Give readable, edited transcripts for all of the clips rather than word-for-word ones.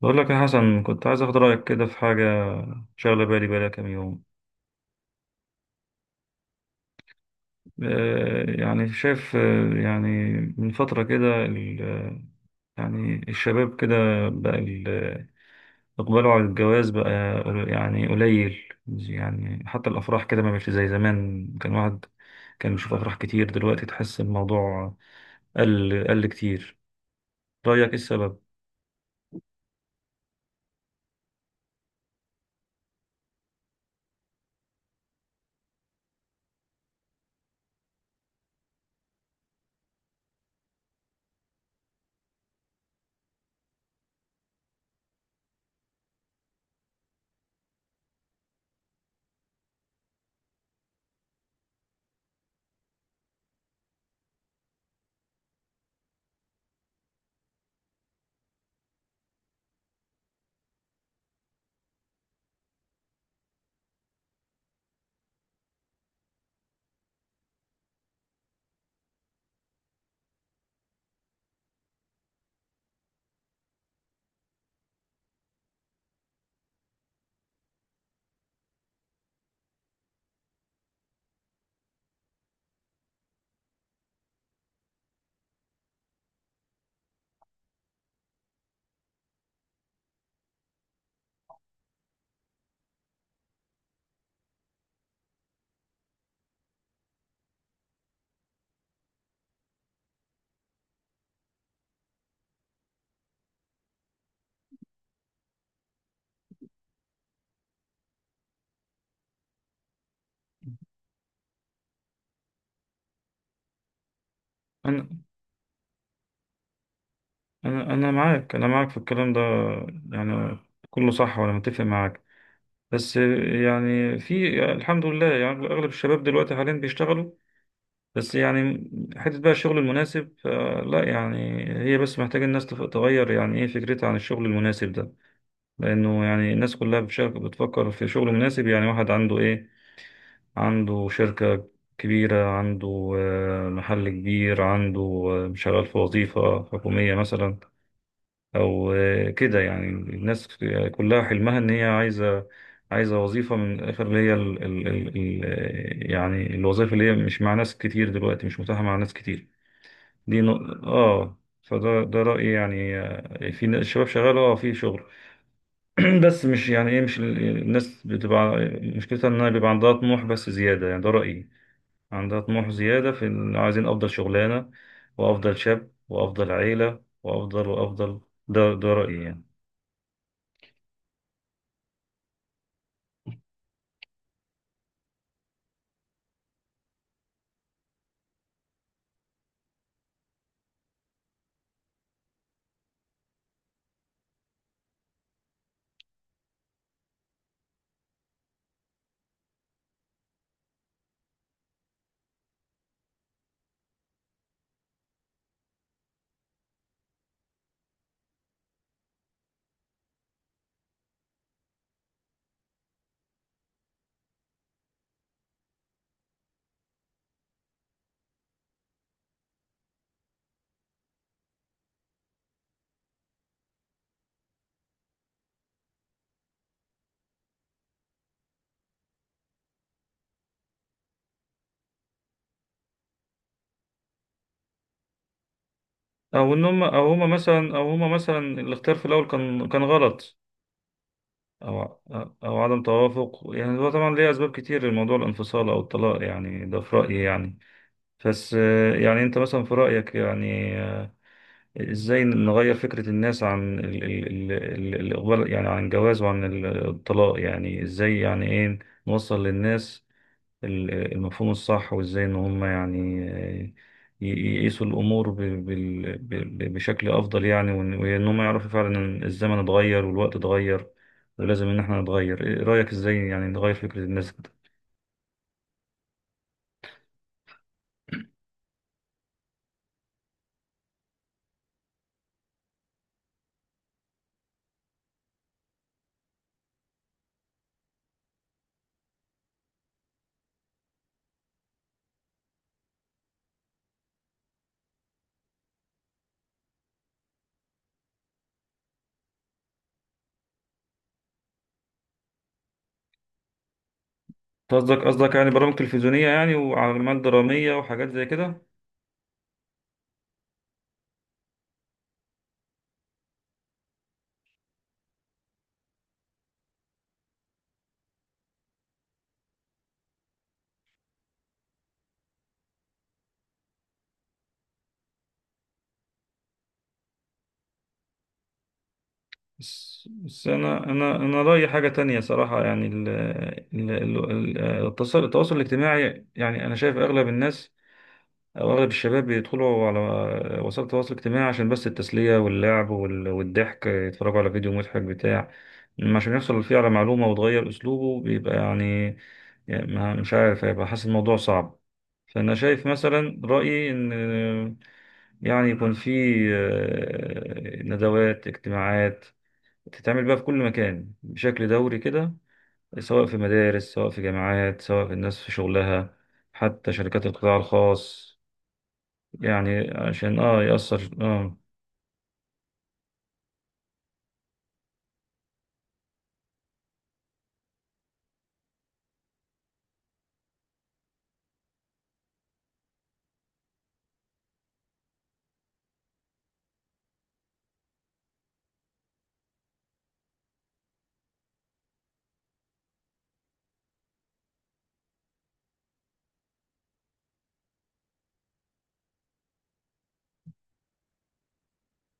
بقول لك يا حسن، كنت عايز اخد رايك كده في حاجه شغله بالي بقالها كام يوم. يعني شايف. يعني من فتره كده يعني الشباب كده بقى اقباله على الجواز بقى يعني قليل. يعني حتى الافراح كده ما بقتش زي زمان، كان واحد كان بيشوف افراح كتير، دلوقتي تحس الموضوع قل كتير. رايك ايه السبب؟ انا انا معاك، انا معاك في الكلام ده يعني. كله صح وانا متفق معاك، بس يعني في الحمد لله يعني أغلب الشباب دلوقتي حاليا بيشتغلوا، بس يعني حتة بقى الشغل المناسب لا يعني. هي بس محتاجة الناس تغير يعني إيه فكرتها عن الشغل المناسب ده. لأنه يعني الناس كلها بتشارك، بتفكر في شغل مناسب. يعني واحد عنده إيه؟ عنده شركة كبيرة، عنده محل كبير، عنده شغال في وظيفة حكومية مثلا، او كده. يعني الناس كلها حلمها ان هي عايزه وظيفه من الاخر، اللي هي ال ال ال ال يعني الوظيفه اللي هي مش مع ناس كتير دلوقتي، مش متاحه مع ناس كتير. دي نق- اه فده ده رايي يعني. في الشباب شغال اه في شغل. بس مش يعني ايه، مش الناس بتبقى مشكلتها انها بيبقى عندها طموح بس زياده، يعني ده رايي. عندها طموح زياده في إن عايزين افضل شغلانه وافضل شاب وافضل عيله وافضل وافضل. ده رايي يعني. او ان هم، او هم مثلا، او هم مثلا الاختيار في الاول كان غلط، او او عدم توافق. يعني هو طبعا ليه اسباب كتير لموضوع الانفصال او الطلاق يعني، ده في رايي يعني. بس يعني انت مثلا في رايك يعني، ازاي نغير فكره الناس عن الاقبال يعني، عن الجواز وعن الطلاق يعني؟ ازاي يعني ايه نوصل للناس المفهوم الصح، وازاي ان هم يعني ي- يقيسوا الامور بشكل افضل يعني، وإن هم يعرفوا فعلا ان الزمن اتغير والوقت اتغير ولازم ان احنا نتغير. ايه رايك ازاي يعني نغير فكرة الناس كده؟ قصدك يعني برامج تلفزيونية يعني وأعمال درامية وحاجات زي كده؟ بس أنا رأيي حاجة تانية صراحة. يعني ال ال ال- التواصل الاجتماعي، يعني أنا شايف أغلب الناس، أغلب الشباب بيدخلوا على وسائل التواصل الاجتماعي عشان بس التسلية واللعب والضحك، يتفرجوا على فيديو مضحك بتاع. أما عشان يحصل فيه على معلومة وتغير أسلوبه بيبقى يعني، يعني مش عارف، هيبقى حاسس الموضوع صعب. فأنا شايف مثلا رأيي إن يعني يكون في ندوات اجتماعات تتعمل بقى في كل مكان بشكل دوري كده، سواء في مدارس، سواء في جامعات، سواء في الناس في شغلها، حتى شركات القطاع الخاص، يعني عشان اه يأثر اه.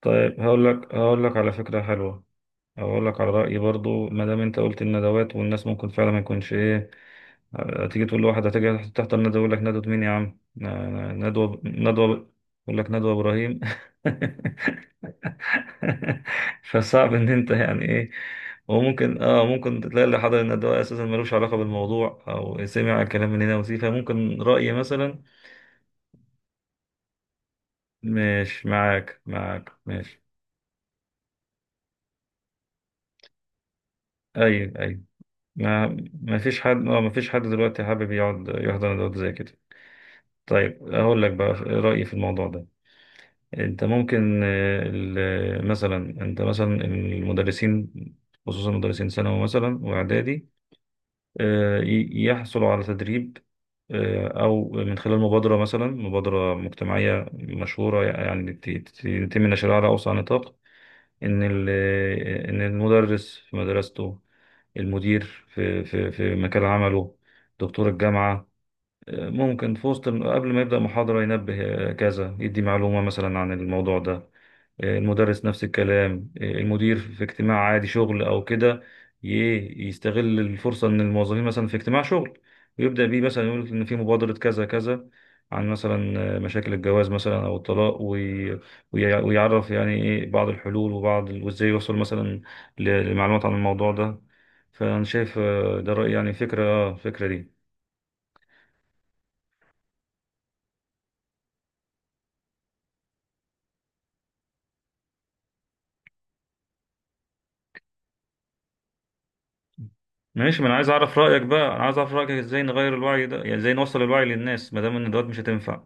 طيب هقول لك على فكرة حلوة، هقول لك على رأيي برضو. ما دام انت قلت الندوات والناس ممكن فعلا ما يكونش ايه، تيجي تقول لواحد هتيجي تحضر ندوة، يقول لك ندوة مين يا عم؟ آه، ندوة ندوة يقول لك ندوة إبراهيم فصعب ان انت يعني ايه. وممكن اه ممكن تلاقي اللي حضر الندوة اساسا ملوش علاقة بالموضوع، او سمع الكلام من هنا وسيه، فممكن رأي مثلا. مش معاك، معاك، ماشي. ايوه، ايوه. ما ما فيش حد اه ما فيش حد دلوقتي حابب يقعد يحضر ندوات زي كده. طيب اقول لك بقى رأيي في الموضوع ده. انت ممكن مثلا انت مثلا المدرسين، خصوصا مدرسين ثانوي مثلا واعدادي، يحصلوا على تدريب، او من خلال مبادرة مثلا، مبادرة مجتمعية مشهورة يعني يتم نشرها على اوسع نطاق. ان ال- ان المدرس في مدرسته، المدير في مكان عمله، دكتور الجامعة ممكن في وسط، قبل ما يبدأ محاضرة، ينبه كذا، يدي معلومة مثلا عن الموضوع ده. المدرس نفس الكلام، المدير في اجتماع عادي شغل او كده، يستغل الفرصة ان الموظفين مثلا في اجتماع شغل ويبدأ بيه مثلا، يقول ان في مبادرة كذا كذا عن مثلا مشاكل الجواز مثلا او الطلاق، ويعرف يعني ايه بعض الحلول وبعض وازاي يوصل مثلا لمعلومات عن الموضوع ده. فانا شايف ده رأيي يعني، فكرة اه الفكرة دي. ماشي، ما انا عايز اعرف رأيك بقى، انا عايز اعرف رأيك ازاي نغير الوعي ده. يعني ازاي نوصل الوعي للناس ما دام ان دوت مش هتنفع؟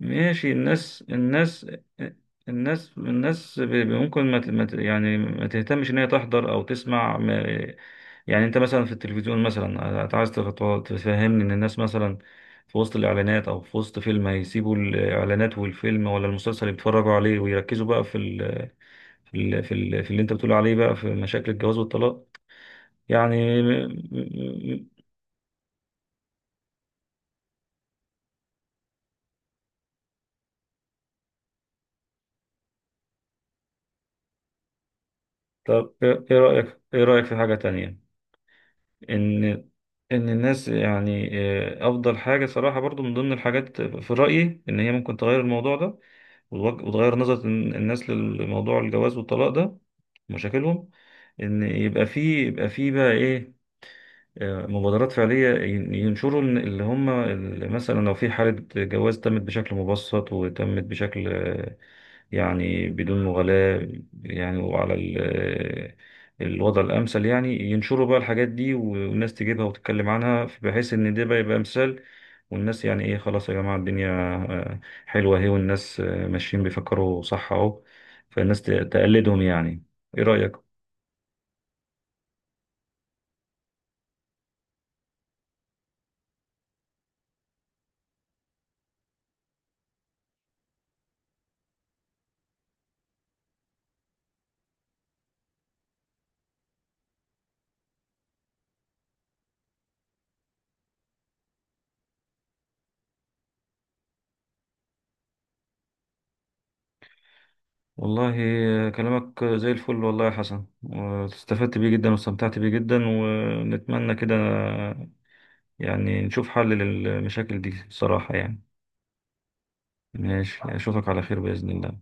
ماشي. الناس ممكن ما ت- ما ت- يعني ما تهتمش ان هي تحضر او تسمع يعني. انت مثلا في التلفزيون مثلا، انت عايز تفهمني ان الناس مثلا في وسط الاعلانات او في وسط فيلم هيسيبوا الاعلانات والفيلم ولا المسلسل اللي بيتفرجوا عليه ويركزوا بقى في ال في ال في ال في اللي انت بتقول عليه بقى في مشاكل الجواز والطلاق؟ يعني م- م- طب ايه، إيه رأيك، ايه رأيك في حاجة تانية؟ ان ان الناس يعني افضل حاجه صراحه برضو، من ضمن الحاجات في رايي ان هي ممكن تغير الموضوع ده وتوج- وتغير نظره الناس للموضوع الجواز والطلاق ده، مشاكلهم، ان يبقى فيه، بقى ايه، مبادرات فعلية، ينشروا إن- اللي هم مثلا لو في حالة جواز تمت بشكل مبسط وتمت بشكل يعني بدون مغالاة يعني، وعلى الوضع الأمثل، يعني ينشروا بقى الحاجات دي، والناس تجيبها وتتكلم عنها، بحيث إن ده بقى يبقى مثال. والناس يعني إيه، خلاص يا جماعة، الدنيا آه، حلوة أهي، والناس ماشيين بيفكروا صح أهو، فالناس تقلدهم يعني. إيه رأيك؟ والله كلامك زي الفل والله يا حسن، واستفدت بيه جدا واستمتعت بيه جدا، ونتمنى كده يعني نشوف حل للمشاكل دي بصراحة يعني. ماشي، أشوفك على خير بإذن الله.